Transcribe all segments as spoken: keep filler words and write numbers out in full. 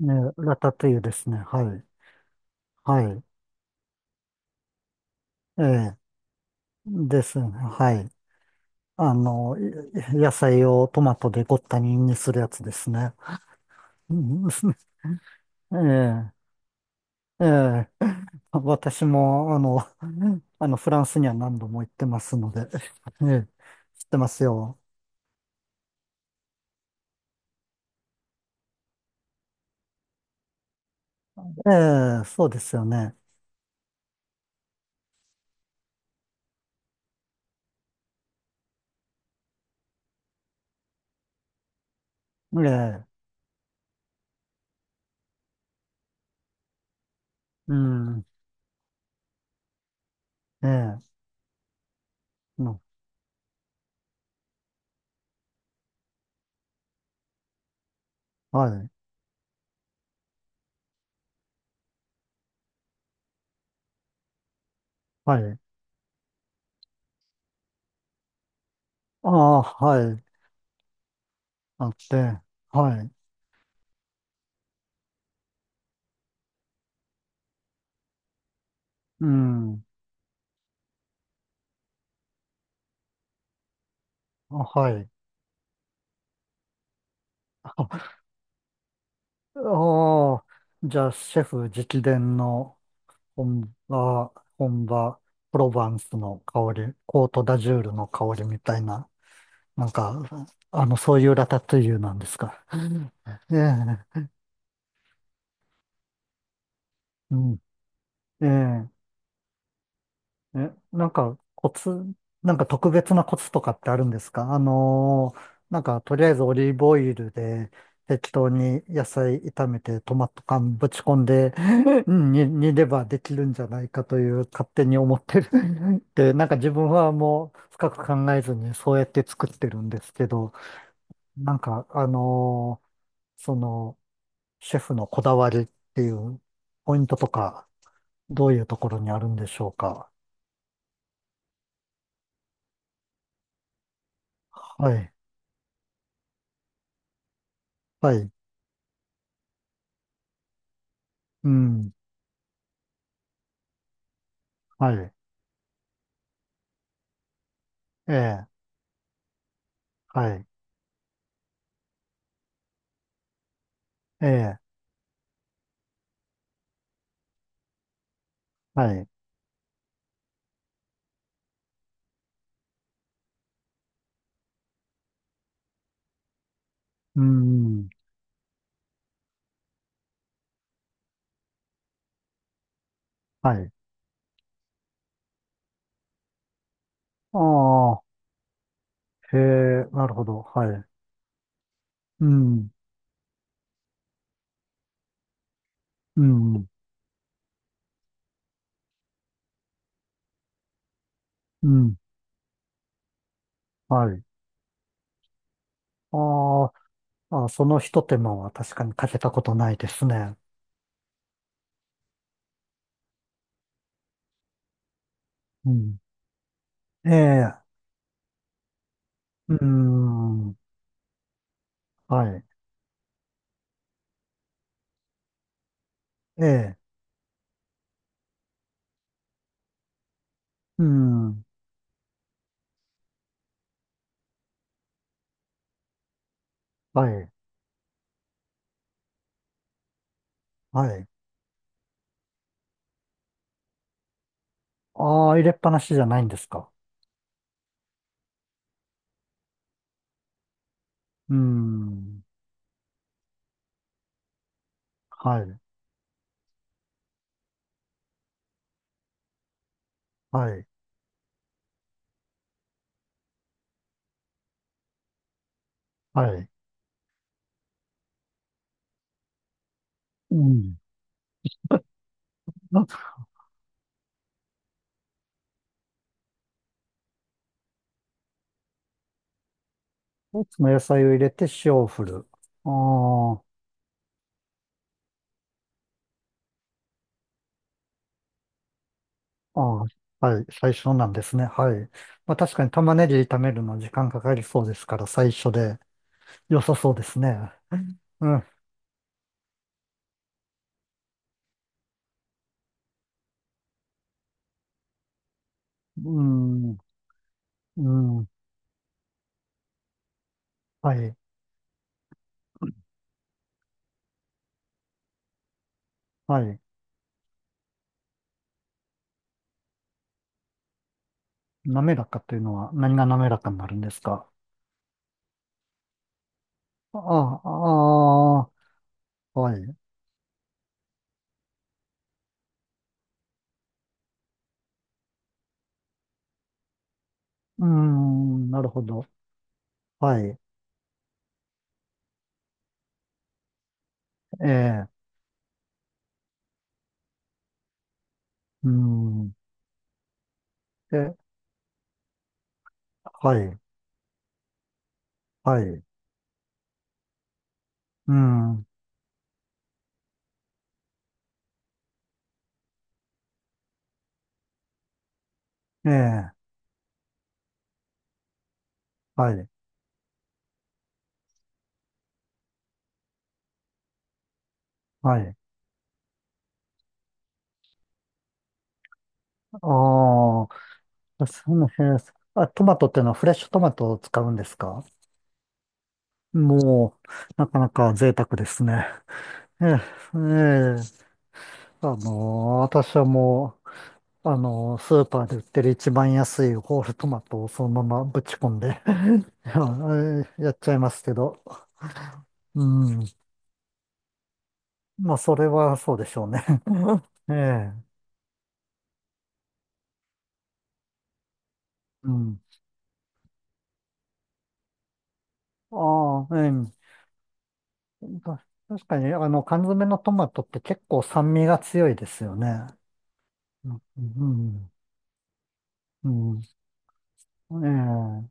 ね、ラタトゥイユですね。はい。はい。ええ、ですね。はい。あの、い野菜をトマトでごった煮にするやつですね。うん、ええ、ええ。私も、あの、あの、フランスには何度も行ってますので、ええ、知ってますよ。ええ、そうですよね。ええ、うん、ええ、のはい、はい。ああ、はい。あって、はい。うん、あはい。ああ、じゃあ、シェフ直伝の本場、本場、プロヴァンスの香り、コートダジュールの香りみたいな、なんか、あの、そういうラタトゥイユなんですか。うん、ええ、うん、ええ。え、なんかコツ、なんか特別なコツとかってあるんですか？あのーなんかとりあえずオリーブオイルで適当に野菜炒めてトマト缶ぶち込んで、 うん、煮、煮ればできるんじゃないかと、いう勝手に思ってる。 で、なんか自分はもう深く考えずにそうやって作ってるんですけど、なんかあのーそのシェフのこだわりっていうポイントとか、どういうところにあるんでしょうか？はい。はい。うん。はい。ええ、はい。ええ、はい。うん、はい。ああ、へえ、なるほど。はい。うん、うん、うん、はい。ああ、あ、その一手間は確かにかけたことないですね。うん。ええ、うん、はい。ええ、うん、はい、はい。ああ、入れっぱなしじゃないんですか？うん、はい、はい、はい。うん。あ、その野菜を入れて塩を振る。ああ。ああ、はい、最初なんですね。はい。まあ確かに玉ねぎ炒めるの時間かかりそうですから、最初で良さそうですね。うん、うん、うん、はい、はい。滑らかというのは何が滑らかになるんですか？ああ、ああ、はい。うん、なるほど。はい。ええ、うん、え、はい、はい。うん、ええ、はい、はい。ああ、あ、そうなんですね。あ、トマトってのはフレッシュトマトを使うんですか？もう、なかなか贅沢ですね。ええ、ええ、あの私はもう、あのスーパーで売ってる一番安いホールトマトをそのままぶち込んで、 あえやっちゃいますけど。うん。まあ、それはそうでしょうね。ええ、うん。ああ、ええ。た確かに、あの、缶詰のトマトって結構酸味が強いですよね。うん。うん、うん。ええ。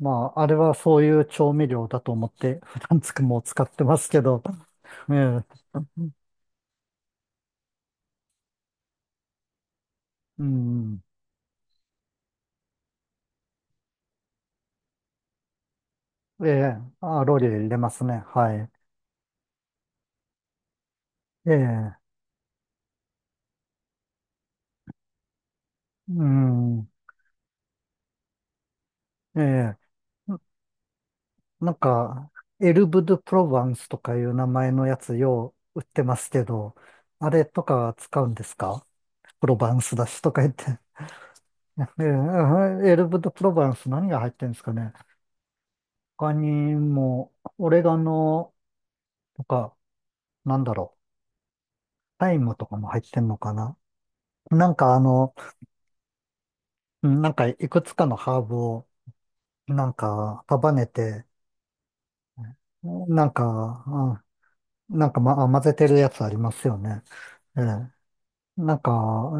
まあ、あれはそういう調味料だと思って、普段つくも使ってますけど、ええ。うん。ええ。あ、ローリエ入れますね。はい。ええ。うん。ええ。ななんか、エルブ・ドゥ・プロヴァンスとかいう名前のやつよう売ってますけど、あれとか使うんですか？プロヴァンスだしとか言って。ええ、エルブ・ドゥ・プロヴァンス、何が入ってるんですかね。他にも、オレガノとか、なんだろう、タイムとかも入ってんのかな。なんかあの、うん、なんかいくつかのハーブを、なんか束ねて、なんか、うん、なんか、ま、あ、混ぜてるやつありますよね。ええ。なんか、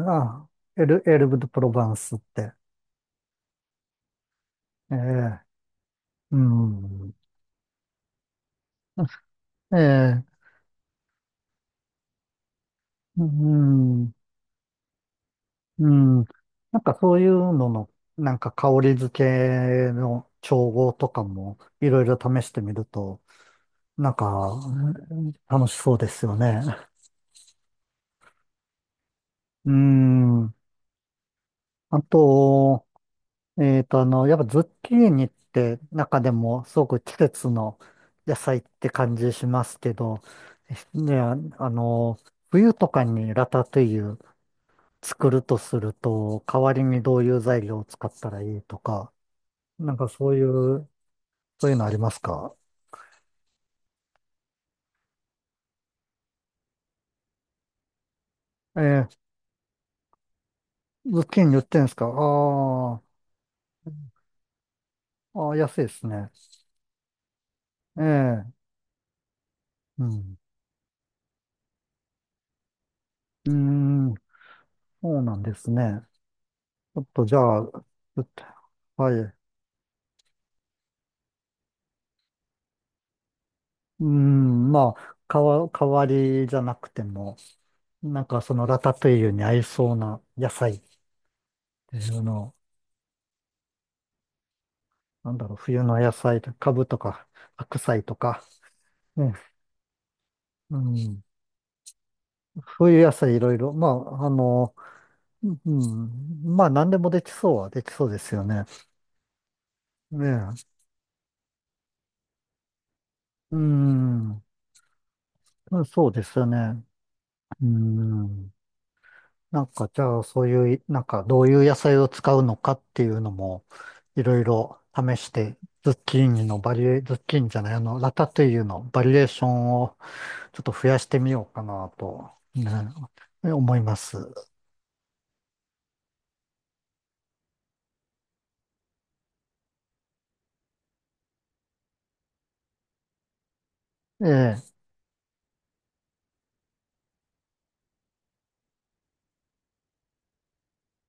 あ、エル、エルブ・ド・プロヴァンスって。ええ。うん。ええ。うん。うん。なんかそういうのの、なんか香り付けの調合とかもいろいろ試してみると、なんか、うん、楽しそうですよね。うーん。あと、えっと、あの、やっぱズッキーニって中でもすごく季節の野菜って感じしますけど、ね、あの、冬とかにラタトゥイユ作るとすると、代わりにどういう材料を使ったらいいとか、なんかそういう、そういうのありますか？ええ、ズッキーニ売ってんですか？あー、あー、安いですね。ええ、うん。うーん、そうなんですね。ちょっとじゃあ、ちょっとはい。うーん、まあ、かわ、代わりじゃなくても、なんかそのラタトゥイユに合いそうな野菜っていうのを、なんだろう、冬の野菜、カブとか、白菜とか、ね、うん、冬野菜いろいろ、まあ、あの、うん、まあ、何でもできそうはできそうですよね。ねえ、うん、そうですよね。うん、なんか、じゃあ、そういう、なんか、どういう野菜を使うのかっていうのも、いろいろ試して、ズッキーニのバリエ、ズッキーニじゃない、あの、ラタトゥイユのバリエーションをちょっと増やしてみようかなと、ね、思います。ええ